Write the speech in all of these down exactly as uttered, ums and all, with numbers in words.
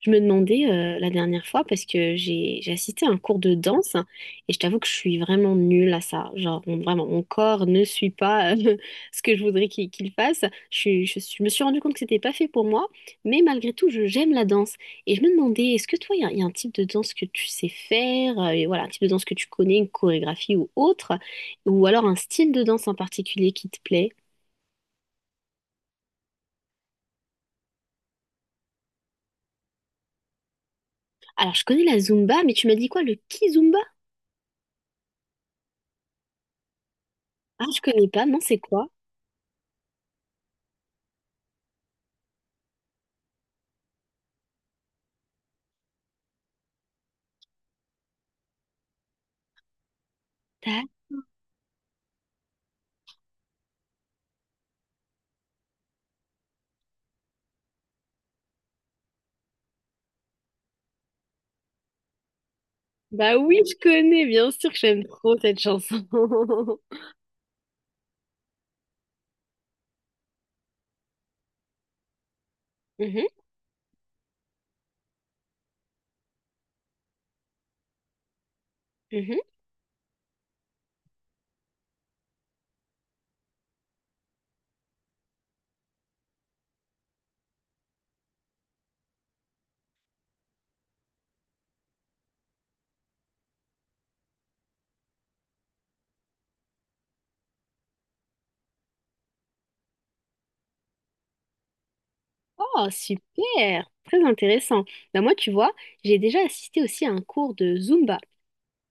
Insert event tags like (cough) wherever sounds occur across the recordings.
Je me demandais euh, la dernière fois parce que j'ai j'ai assisté à un cours de danse et je t'avoue que je suis vraiment nulle à ça. Genre mon- vraiment mon corps ne suit pas euh, (laughs) ce que je voudrais qu'il qu'il fasse. Je, suis- je, suis- je me suis rendu compte que c'était pas fait pour moi, mais malgré tout je j'aime la danse et je me demandais est-ce que toi il y, a il y a un type de danse que tu sais faire euh, et voilà un type de danse que tu connais, une chorégraphie ou autre ou alors un style de danse en particulier qui te plaît? Alors je connais la Zumba, mais tu m'as dit quoi le Kizumba? Ah je connais pas, non c'est quoi? Bah oui, je connais, bien sûr que j'aime trop cette chanson. (laughs) Mhm, mhm. Oh, super, très intéressant. Bah moi, tu vois, j'ai déjà assisté aussi à un cours de Zumba.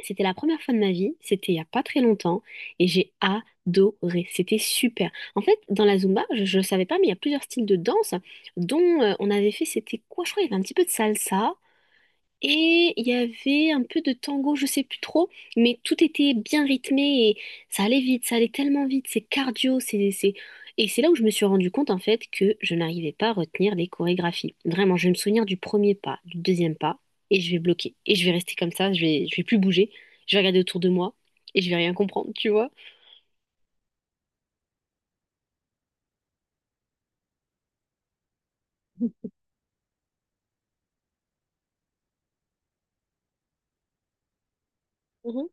C'était la première fois de ma vie, c'était il y a pas très longtemps, et j'ai adoré, c'était super. En fait, dans la Zumba, je ne savais pas, mais il y a plusieurs styles de danse, dont euh, on avait fait, c'était quoi, je crois, il y avait un petit peu de salsa, et il y avait un peu de tango, je sais plus trop, mais tout était bien rythmé et ça allait vite, ça allait tellement vite, c'est cardio, c'est, c'est... Et c'est là où je me suis rendu compte en fait que je n'arrivais pas à retenir les chorégraphies. Vraiment, je vais me souvenir du premier pas, du deuxième pas, et je vais bloquer. Et je vais rester comme ça, je vais, je vais plus bouger, je vais regarder autour de moi et je vais rien comprendre, tu vois. Mhm.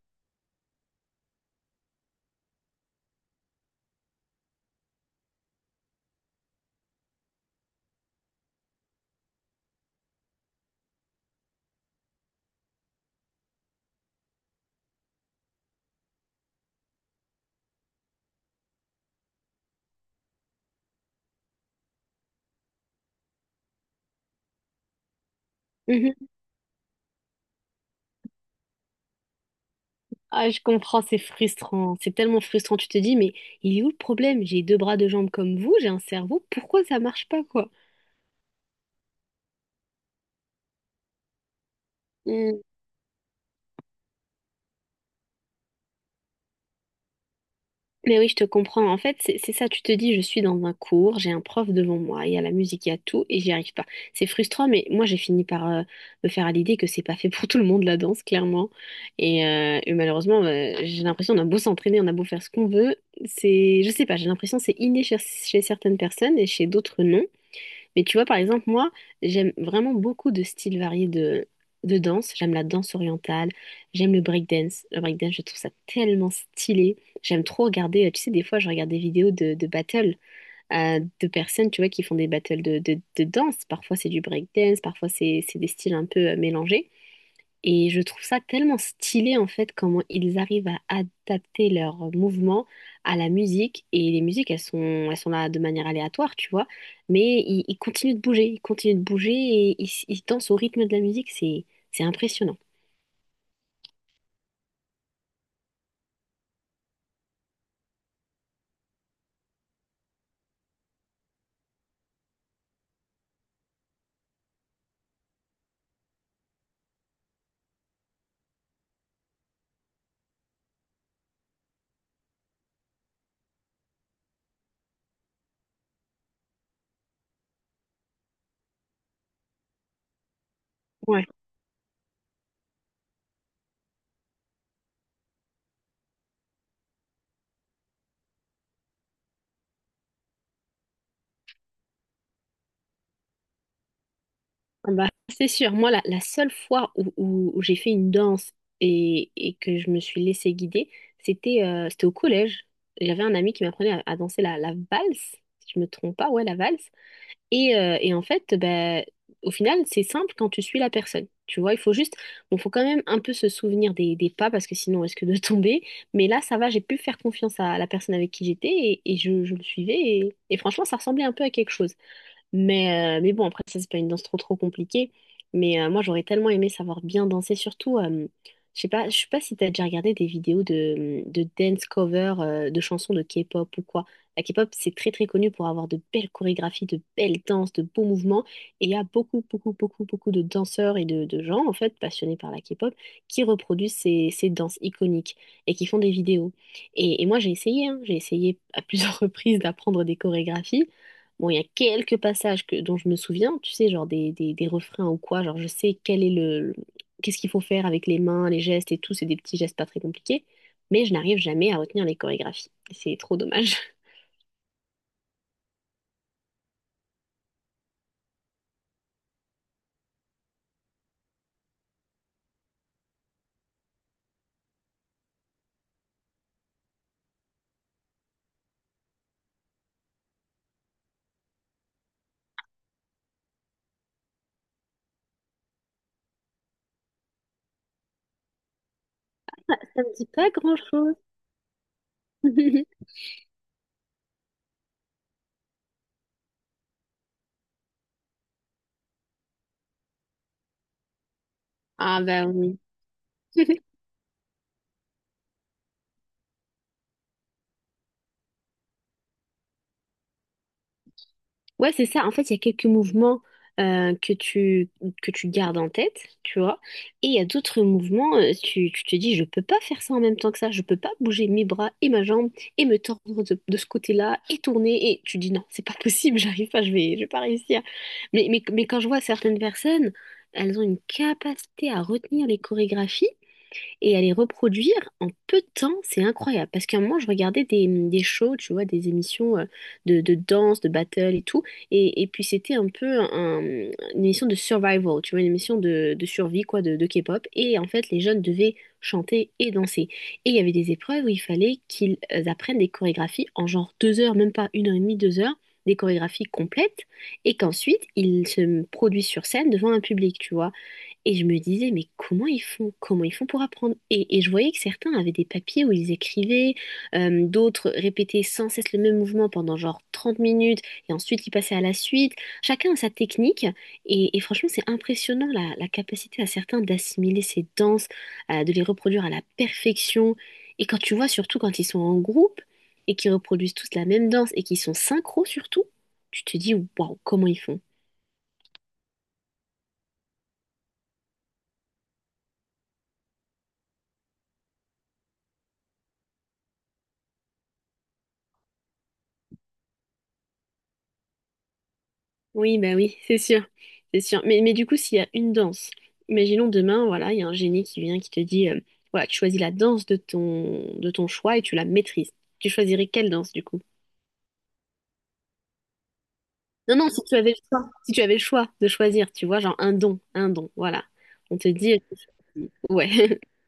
Mhm. Ah, je comprends, c'est frustrant, c'est tellement frustrant, tu te dis, mais il est où le problème? J'ai deux bras, deux jambes comme vous, j'ai un cerveau, pourquoi ça marche pas, quoi? Mmh. Mais oui, je te comprends. En fait, c'est c'est ça, tu te dis, je suis dans un cours, j'ai un prof devant moi, il y a la musique, il y a tout, et j'y arrive pas. C'est frustrant, mais moi, j'ai fini par euh, me faire à l'idée que c'est pas fait pour tout le monde, la danse, clairement. Et, euh, et malheureusement, euh, j'ai l'impression, on a beau s'entraîner, on a beau faire ce qu'on veut, c'est, je sais pas, j'ai l'impression que c'est inné chez, chez certaines personnes et chez d'autres, non. Mais tu vois, par exemple, moi, j'aime vraiment beaucoup de styles variés de, de danse. J'aime la danse orientale, j'aime le breakdance. Le breakdance, je trouve ça tellement stylé. J'aime trop regarder, euh, tu sais, des fois, je regarde des vidéos de, de battles euh, de personnes, tu vois, qui font des battles de, de, de danse. Parfois, c'est du breakdance, parfois, c'est c'est des styles un peu euh, mélangés. Et je trouve ça tellement stylé en fait comment ils arrivent à adapter leurs mouvements à la musique. Et les musiques, elles sont, elles sont là de manière aléatoire, tu vois. Mais ils, ils continuent de bouger, ils continuent de bouger et ils, ils dansent au rythme de la musique. C'est, c'est impressionnant. Ouais. Ah bah, c'est sûr, moi la, la seule fois où, où- où j'ai fait une danse et, et que je me suis laissée guider, c'était euh, c'était au collège. J'avais un ami qui m'apprenait à, à danser la, la valse, si je me trompe pas, ouais la valse. Et, euh, et en fait, bah, au final, c'est simple quand tu suis la personne. Tu vois, il faut juste, bon, faut quand même un peu se souvenir des, des pas parce que sinon on risque de (laughs) tomber. Mais là, ça va, j'ai pu faire confiance à la personne avec qui j'étais et, et je, je le suivais. Et, et franchement, ça ressemblait un peu à quelque chose. Mais, euh, mais bon, après, ça, c'est pas une danse trop trop compliquée. Mais euh, moi, j'aurais tellement aimé savoir bien danser, surtout, euh, je sais pas, je sais pas si t'as déjà regardé des vidéos de, de dance cover, euh, de chansons de K-pop ou quoi. La K-pop, c'est très très connu pour avoir de belles chorégraphies, de belles danses, de beaux mouvements. Et il y a beaucoup, beaucoup, beaucoup, beaucoup de danseurs et de, de gens, en fait, passionnés par la K-pop, qui reproduisent ces, ces danses iconiques et qui font des vidéos. Et, et moi, j'ai essayé, hein, j'ai essayé à plusieurs (laughs) reprises d'apprendre des chorégraphies. Bon, il y a quelques passages que, dont je me souviens, tu sais, genre des, des, des refrains ou quoi, genre je sais quel est le, qu'est-ce qu'il faut faire avec les mains, les gestes et tout, c'est des petits gestes pas très compliqués, mais je n'arrive jamais à retenir les chorégraphies. C'est trop dommage. (laughs) Ça me dit pas grand-chose. (laughs) Ah bah oui. (laughs) Ouais, c'est ça. En fait, il y a quelques mouvements euh, que tu, que tu gardes en tête, tu vois. Et il y a d'autres mouvements, euh, tu, tu te dis, je peux pas faire ça en même temps que ça. Je peux pas bouger mes bras et ma jambe et me tordre de, de ce côté-là et tourner. Et tu dis, non, c'est pas possible, (laughs) j'arrive pas, je vais, je vais pas réussir. Mais, mais, mais quand je vois certaines personnes, elles ont une capacité à retenir les chorégraphies et à les reproduire en peu de temps, c'est incroyable. Parce qu'à un moment, je regardais des, des shows, tu vois, des émissions euh, de, de danse, de battle et tout, et, et puis c'était un peu un- une émission de survival, tu vois, une émission de, de survie, quoi, de, de K-pop, et en fait, les jeunes devaient chanter et danser. Et il y avait des épreuves où il fallait qu'ils euh, apprennent des chorégraphies en genre deux heures, même pas une heure et demie, deux heures, des chorégraphies complètes, et qu'ensuite, ils se produisent sur scène devant un public, tu vois. Et je me disais, mais comment ils font? Comment ils font pour apprendre? Et, et je voyais que certains avaient des papiers où ils écrivaient, euh, d'autres répétaient sans cesse le même mouvement pendant genre trente minutes, et ensuite ils passaient à la suite. Chacun a sa technique, et, et franchement, c'est impressionnant la, la capacité à certains d'assimiler ces danses, euh, de les reproduire à la perfection. Et quand tu vois, surtout quand ils sont en groupe, et qu'ils reproduisent tous la même danse, et qu'ils sont synchro surtout, tu te dis, waouh, comment ils font? Oui, bah oui, c'est sûr, c'est sûr. Mais, mais du coup, s'il y a une danse, imaginons demain, voilà, il y a un génie qui vient qui te dit, euh, voilà, tu choisis la danse de ton, de ton choix et tu la maîtrises. Tu choisirais quelle danse du coup? Non, non, si tu avais le choix, si tu avais le choix de choisir, tu vois, genre un don, un don, voilà. On te dit, euh, ouais, (laughs)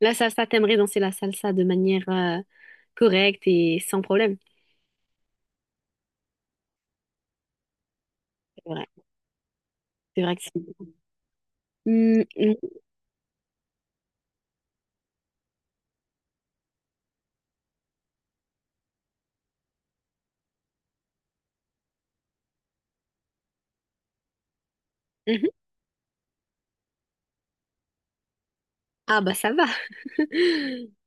la salsa, t'aimerais danser la salsa de manière euh, correcte et sans problème. C'est vrai, c'est vrai que c'est. Hum, hum, hum. Ah bah ça va. (laughs)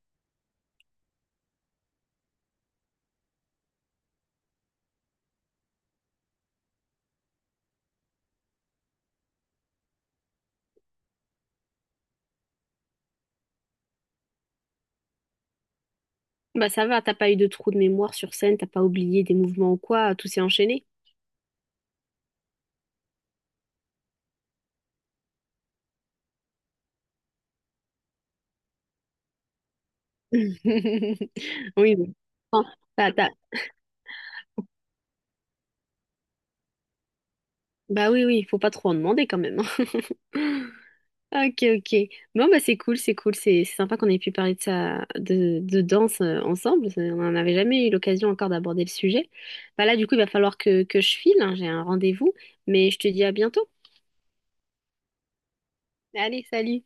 Bah ça va, t'as pas eu de trou de mémoire sur scène, t'as pas oublié des mouvements ou quoi, tout s'est enchaîné. (laughs) Oui, bon. Bon, bah, t'as- bah oui, oui, faut pas trop en demander quand même. Hein. (laughs) Ok, ok. Bon, bah c'est cool, c'est cool, c'est c'est sympa qu'on ait pu parler de ça, de, de danse euh, ensemble. C'est- On n'en avait jamais eu l'occasion encore d'aborder le sujet. Bah là, du coup, il va falloir que, que je file, hein, j'ai un rendez-vous, mais je te dis à bientôt. Allez, salut!